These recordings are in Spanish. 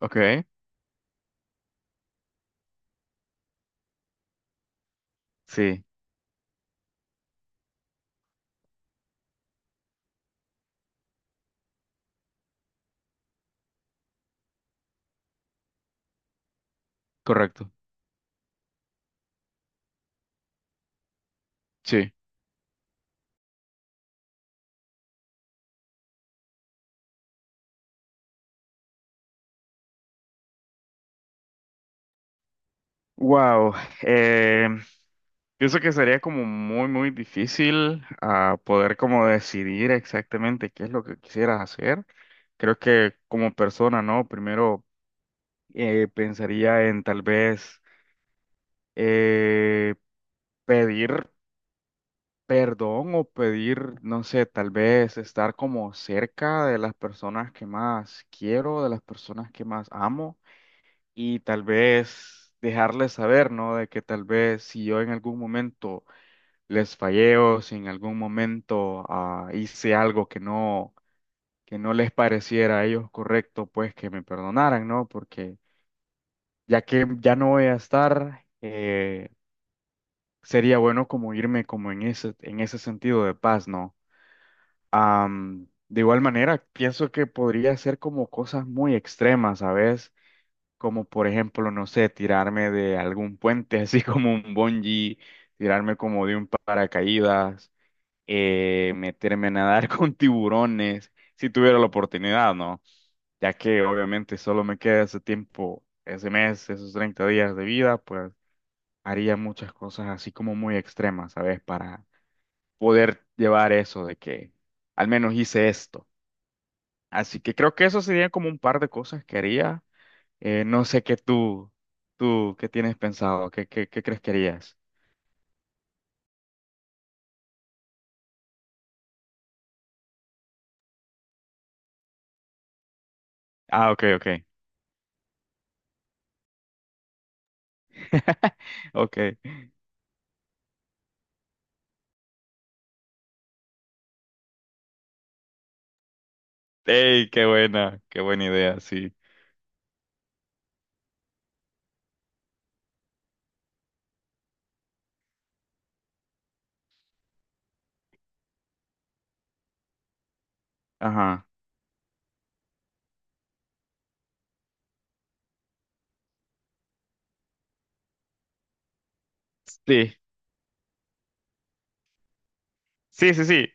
Ok, sí, correcto. Sí. Wow. eh, Pienso que sería como muy, muy difícil poder como decidir exactamente qué es lo que quisieras hacer. Creo que como persona, ¿no? Primero pensaría en tal vez eh, pedir perdón o pedir, no sé, tal vez estar como cerca de las personas que más quiero, de las personas que más amo. Y tal vez dejarles saber, ¿no? De que tal vez si yo en algún momento les fallé o si en algún momento hice algo que no les pareciera a ellos correcto, pues que me perdonaran, ¿no? Porque ya que ya no voy a estar, sería bueno como irme como en ese sentido de paz, ¿no? De igual manera, pienso que podría ser como cosas muy extremas, ¿sabes? Como por ejemplo, no sé, tirarme de algún puente, así como un bungee, tirarme como de un paracaídas, meterme a nadar con tiburones, si tuviera la oportunidad, ¿no? Ya que obviamente solo me queda ese tiempo, ese mes, esos 30 días de vida, pues haría muchas cosas así como muy extremas, ¿sabes? Para poder llevar eso de que al menos hice esto. Así que creo que eso sería como un par de cosas que haría. No sé qué tú, qué tienes pensado, qué crees que harías. Ah, ok, ok. Ok. Ey, qué buena idea, sí. Ajá. Sí, sí, sí, sí.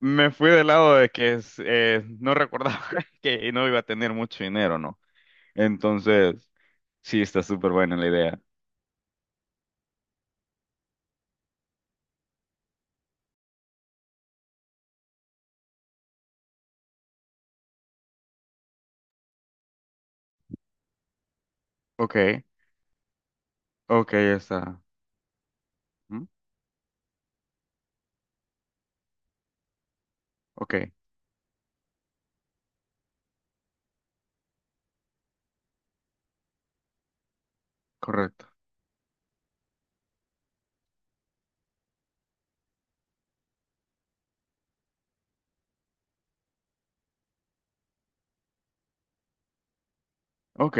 Me fui del lado de que no recordaba que no iba a tener mucho dinero, ¿no? Entonces, sí, está súper buena la idea. Ok, ok, ya está. ¿Mm? Ok, correcto. Ok,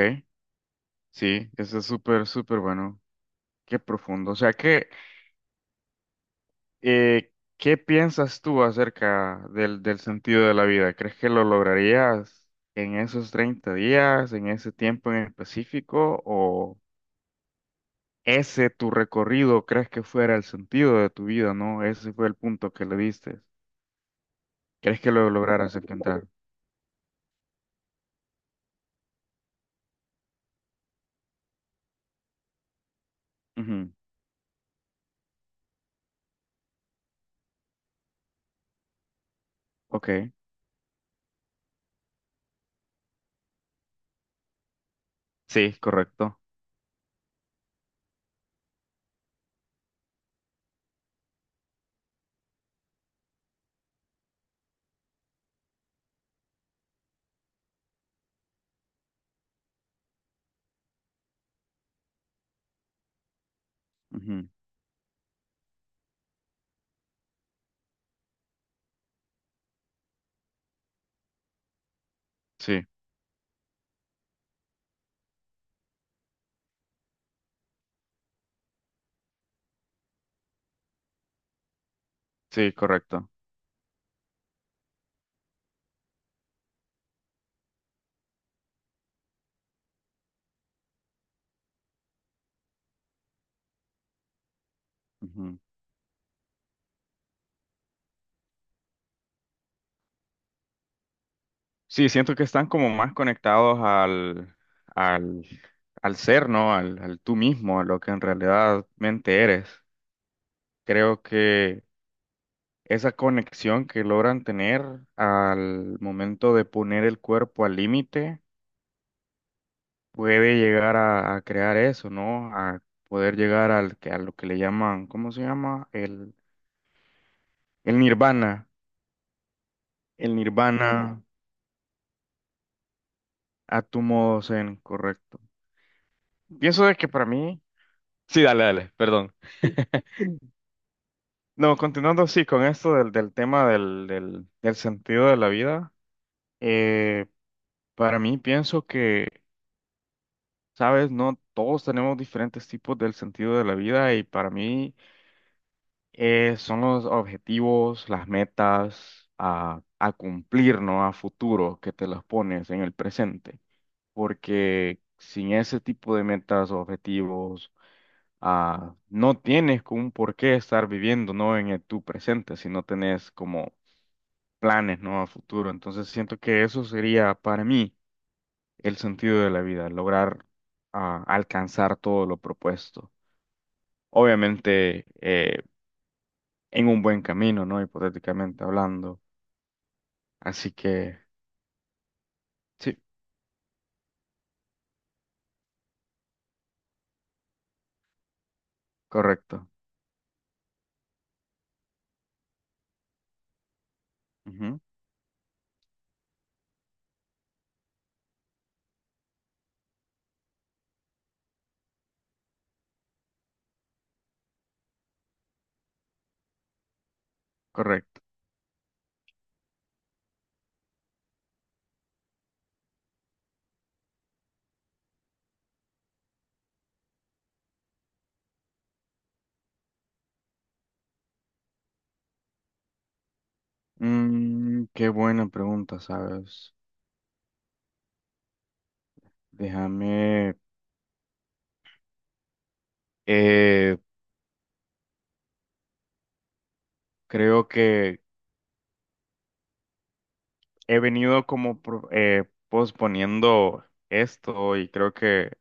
sí, eso es súper, súper bueno. Qué profundo. O sea que Eh, ¿qué piensas tú acerca del sentido de la vida? ¿Crees que lo lograrías en esos 30 días, en ese tiempo en específico? ¿O ese tu recorrido crees que fuera el sentido de tu vida, no? Ese fue el punto que le diste. ¿Crees que lo lograras alcanzar? Ujú. Ok, sí, correcto. Ujú. Sí, sí, correcto. Sí, siento que están como más conectados al, al, al ser, ¿no? Al, al tú mismo, a lo que en realidad mente eres. Creo que esa conexión que logran tener al momento de poner el cuerpo al límite puede llegar a crear eso, ¿no? A poder llegar a lo que le llaman, ¿cómo se llama? El nirvana. El nirvana a tu modo zen, correcto. Pienso de que para mí... Sí, dale, dale, perdón. No, continuando sí con esto del, del tema del, del sentido de la vida, eh, para mí pienso que, sabes, no todos tenemos diferentes tipos del sentido de la vida y para mí son los objetivos, las metas a cumplir, ¿no? A futuro que te las pones en el presente, porque sin ese tipo de metas, o objetivos, no tienes como un por qué estar viviendo, ¿no? En tu presente, si no tenés como planes, ¿no? A futuro. Entonces siento que eso sería para mí el sentido de la vida, lograr alcanzar todo lo propuesto. Obviamente en un buen camino, ¿no? Hipotéticamente hablando. Así que sí, correcto. Ujú, correcto. Mm, qué buena pregunta, ¿sabes? Déjame, eh, creo que he venido como posponiendo esto y creo que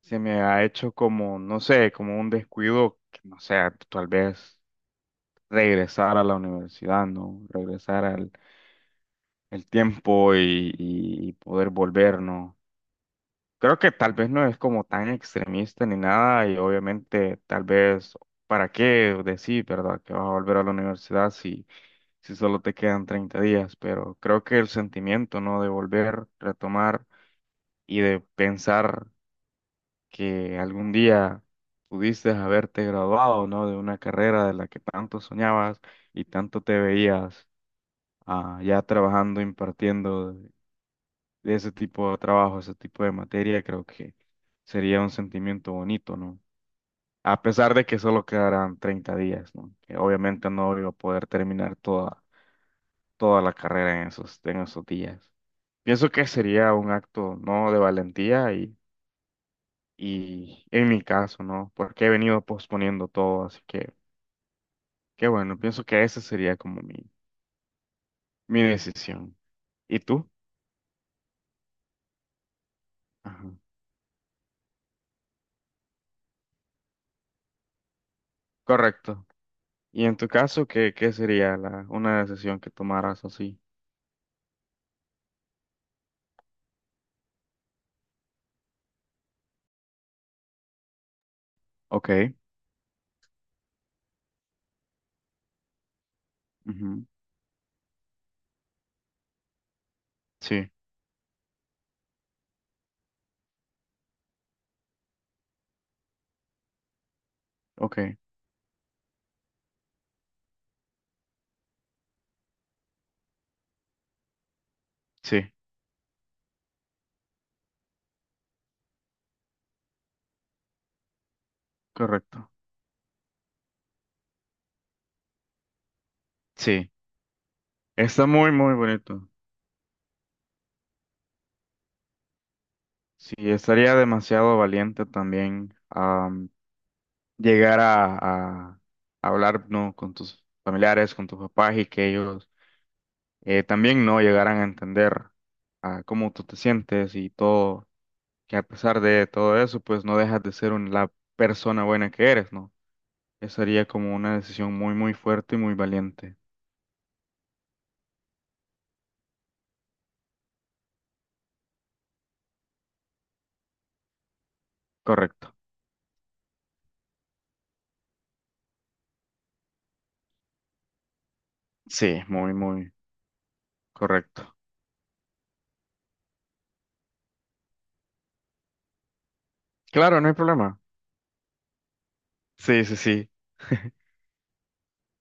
se me ha hecho como, no sé, como un descuido, que, no sé, tal vez regresar a la universidad, ¿no? Regresar al el tiempo y, y poder volver, ¿no? Creo que tal vez no es como tan extremista ni nada y obviamente tal vez, ¿para qué decir, verdad, que vas a volver a la universidad si, si solo te quedan 30 días? Pero creo que el sentimiento, ¿no? De volver, retomar y de pensar. Que algún día pudiste haberte graduado, ¿no? De una carrera de la que tanto soñabas y tanto te veías ya trabajando, impartiendo de ese tipo de trabajo, ese tipo de materia, creo que sería un sentimiento bonito, ¿no? A pesar de que solo quedarán 30 días, ¿no? Que obviamente no iba a poder terminar toda, toda la carrera en esos días. Pienso que sería un acto, ¿no? De valentía. Y en mi caso, ¿no? Porque he venido posponiendo todo, así que, qué bueno, pienso que esa sería como mi decisión. ¿Y tú? Ajá. Correcto. ¿Y en tu caso, qué, qué sería una decisión que tomaras así? Ok. Ujú. Sí. Ok. Sí. Correcto. Sí. Está muy, muy bonito. Sí, estaría demasiado valiente también llegar a hablar, ¿no? Con tus familiares, con tus papás y que ellos también no llegarán a entender a cómo tú te sientes y todo, que a pesar de todo eso, pues no dejas de ser la persona buena que eres, ¿no? Esa sería como una decisión muy, muy fuerte y muy valiente. Correcto. Sí, muy, muy correcto. Claro, no hay problema. Sí, sí, sí.